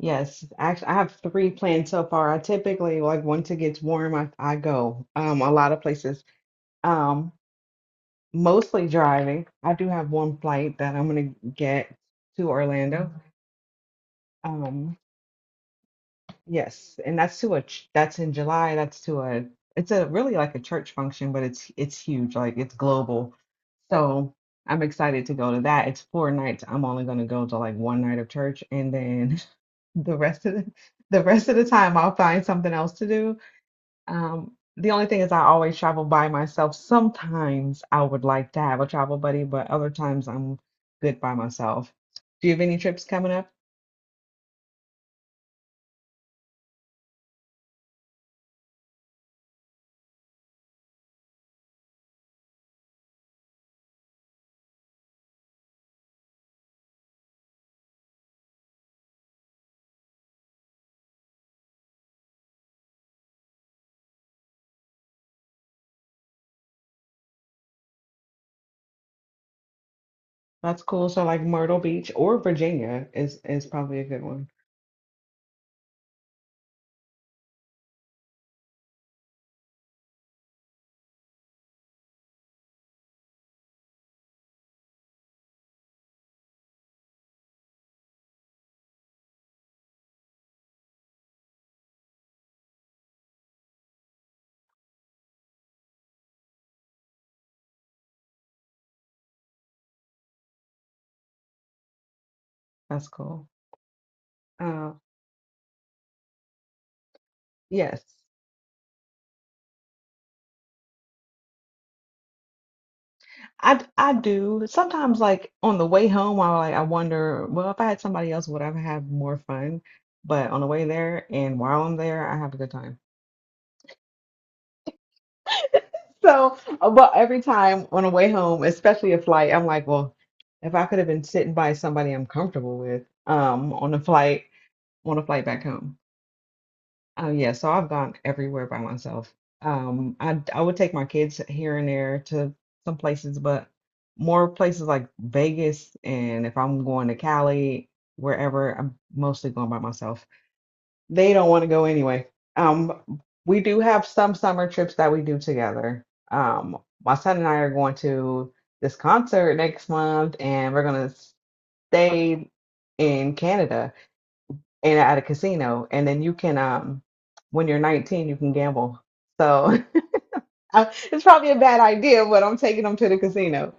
Yes, actually, I have three planned so far. I typically like once it gets warm, I go a lot of places. Um, Mostly driving. I do have one flight that I'm gonna get to Orlando. Um, yes, and that's in July. That's to a It's a really like a church function, but it's huge, like it's global. So I'm excited to go to that. It's 4 nights. I'm only gonna go to like one night of church, and then the rest of the the rest of the time I'll find something else to do. The only thing is I always travel by myself. Sometimes I would like to have a travel buddy, but other times I'm good by myself. Do you have any trips coming up? That's cool. So like Myrtle Beach or Virginia is probably a good one. That's cool. Uh, yes. I do. Sometimes like on the way home, I like I wonder, well, if I had somebody else, would I have had more fun? But on the way there and while I'm there, I have a good time. So, but every time on the way home, especially a flight, I'm like, well, if I could have been sitting by somebody I'm comfortable with, on a flight back home. Oh yeah, so I've gone everywhere by myself. I would take my kids here and there to some places, but more places like Vegas, and if I'm going to Cali, wherever, I'm mostly going by myself. They don't want to go anyway. We do have some summer trips that we do together. Um, my son and I are going to this concert next month, and we're gonna stay in Canada and at a casino. And then you can, when you're 19, you can gamble. So it's probably a bad idea, but I'm taking them to the casino.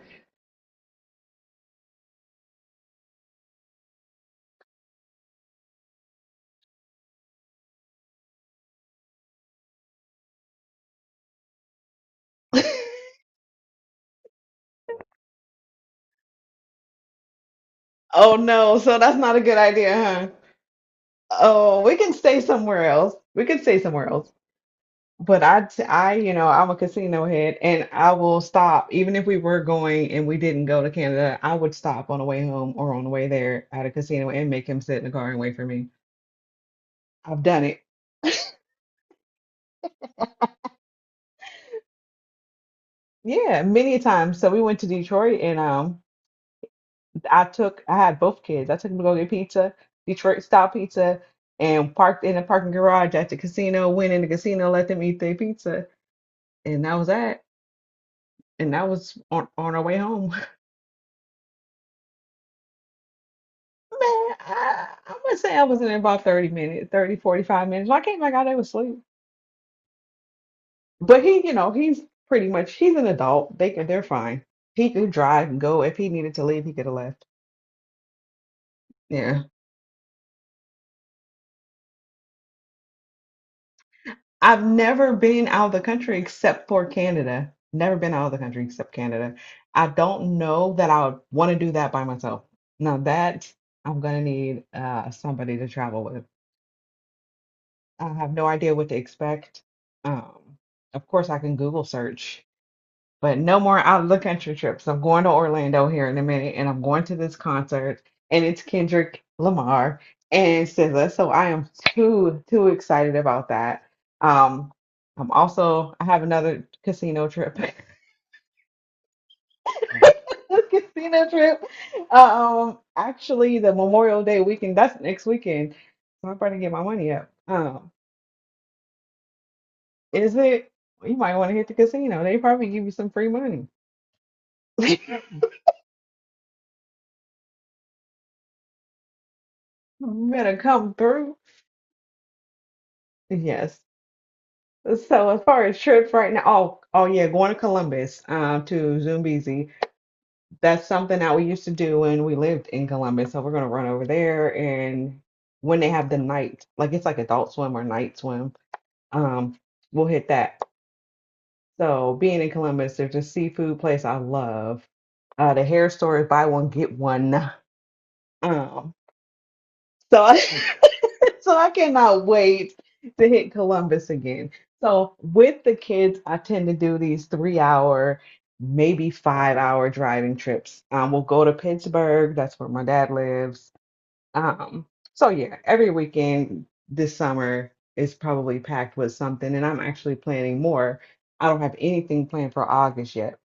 Oh no, so that's not a good idea, huh? Oh, we can stay somewhere else. We can stay somewhere else. But I'm a casino head, and I will stop even if we were going and we didn't go to Canada. I would stop on the way home or on the way there at a casino and make him sit in the car and wait for me. I've done it, yeah, many times. So we went to Detroit, and I had both kids. I took them to go get pizza, Detroit style pizza, and parked in the parking garage at the casino. Went in the casino, let them eat their pizza, and that was that. And that was on our way home. Man, I'm gonna say I was in there about 30 minutes, 30, 45 minutes. When I came back out, they was asleep. But he's pretty much he's an adult. They're fine. He could drive and go. If he needed to leave, he could have left. Yeah. I've never been out of the country except for Canada. Never been out of the country except Canada. I don't know that I would want to do that by myself. Now that I'm gonna need somebody to travel with. I have no idea what to expect. Um, of course I can Google search but no more out of the country trips. I'm going to Orlando here in a minute, and I'm going to this concert, and it's Kendrick Lamar and SZA. So I am too too excited about that. Um, I have another casino trip, casino trip. Actually, the Memorial Day weekend. That's next weekend. So I'm trying to get my money up. Is it? You might want to hit the casino. They probably give you some free money. You better come through. Yes. So as far as trips right now, oh yeah, going to Columbus, to Zumbezi. That's something that we used to do when we lived in Columbus. So we're gonna run over there and when they have the night, like it's like adult swim or night swim, um, we'll hit that. So being in Columbus, there's a seafood place I love. The hair store is buy one, get one. Um, so So I cannot wait to hit Columbus again. So with the kids, I tend to do these 3-hour, maybe 5-hour driving trips. We'll go to Pittsburgh. That's where my dad lives. Um, so yeah, every weekend this summer is probably packed with something, and I'm actually planning more. I don't have anything planned for August yet.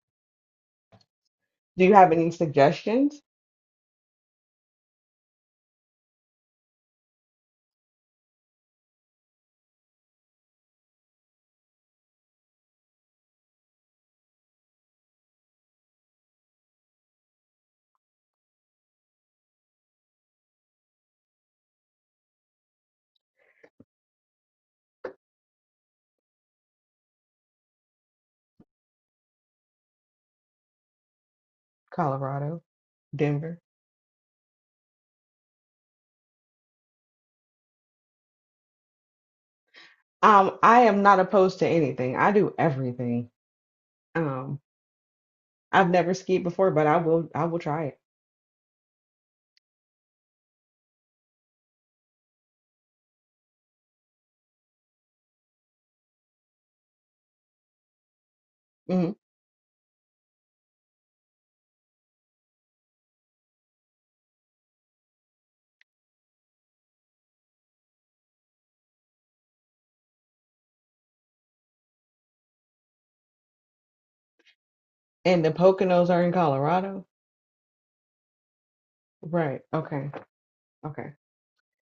Do you have any suggestions? Colorado, Denver. I am not opposed to anything. I do everything. Um, I've never skied before, but I will try it. Hmm. And the Poconos are in Colorado? Right. Okay. Okay.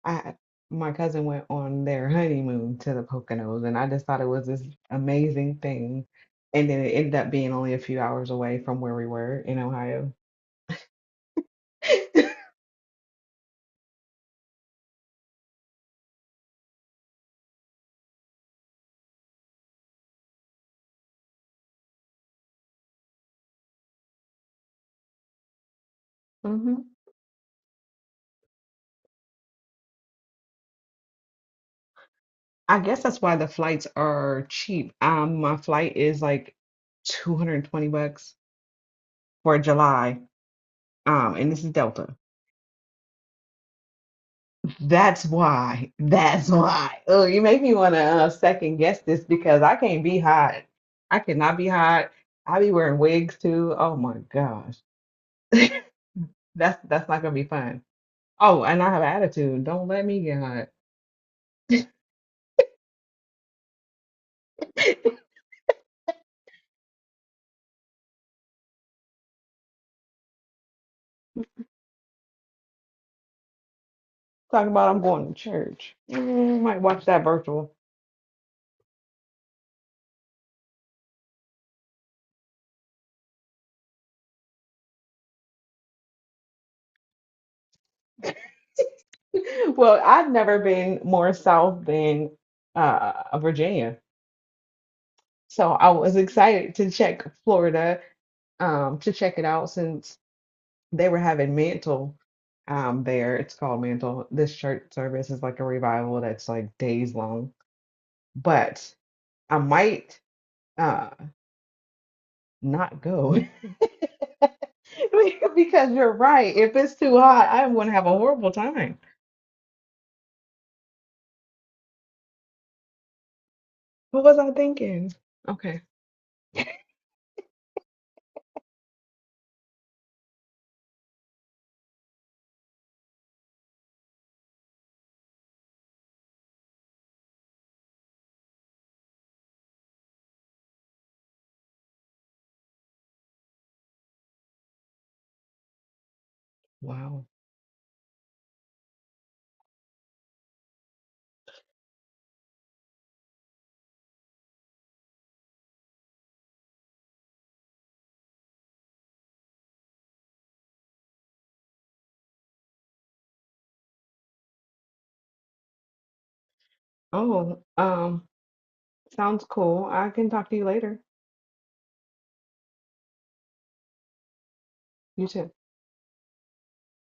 I My cousin went on their honeymoon to the Poconos and I just thought it was this amazing thing. And then it ended up being only a few hours away from where we were in Ohio. Hmm. I guess that's why the flights are cheap. My flight is like 220 bucks for July. And this is Delta. That's why. That's why. Oh, you make me want to second guess this because I can't be hot. I cannot be hot. I be wearing wigs too. Oh my gosh. That's not gonna be fun. Oh, and I have attitude. Don't let me get hot. Talking about I'm going to church. Might watch that virtual. Well, I've never been more south than Virginia. So I was excited to check Florida, to check it out since they were having mantle there. It's called mantle. This church service is like a revival that's like days long. But I might uh not go because you're right. If it's too hot, I'm gonna have a horrible time. What was I thinking? Okay. Wow. Oh, sounds cool. I can talk to you later. You too.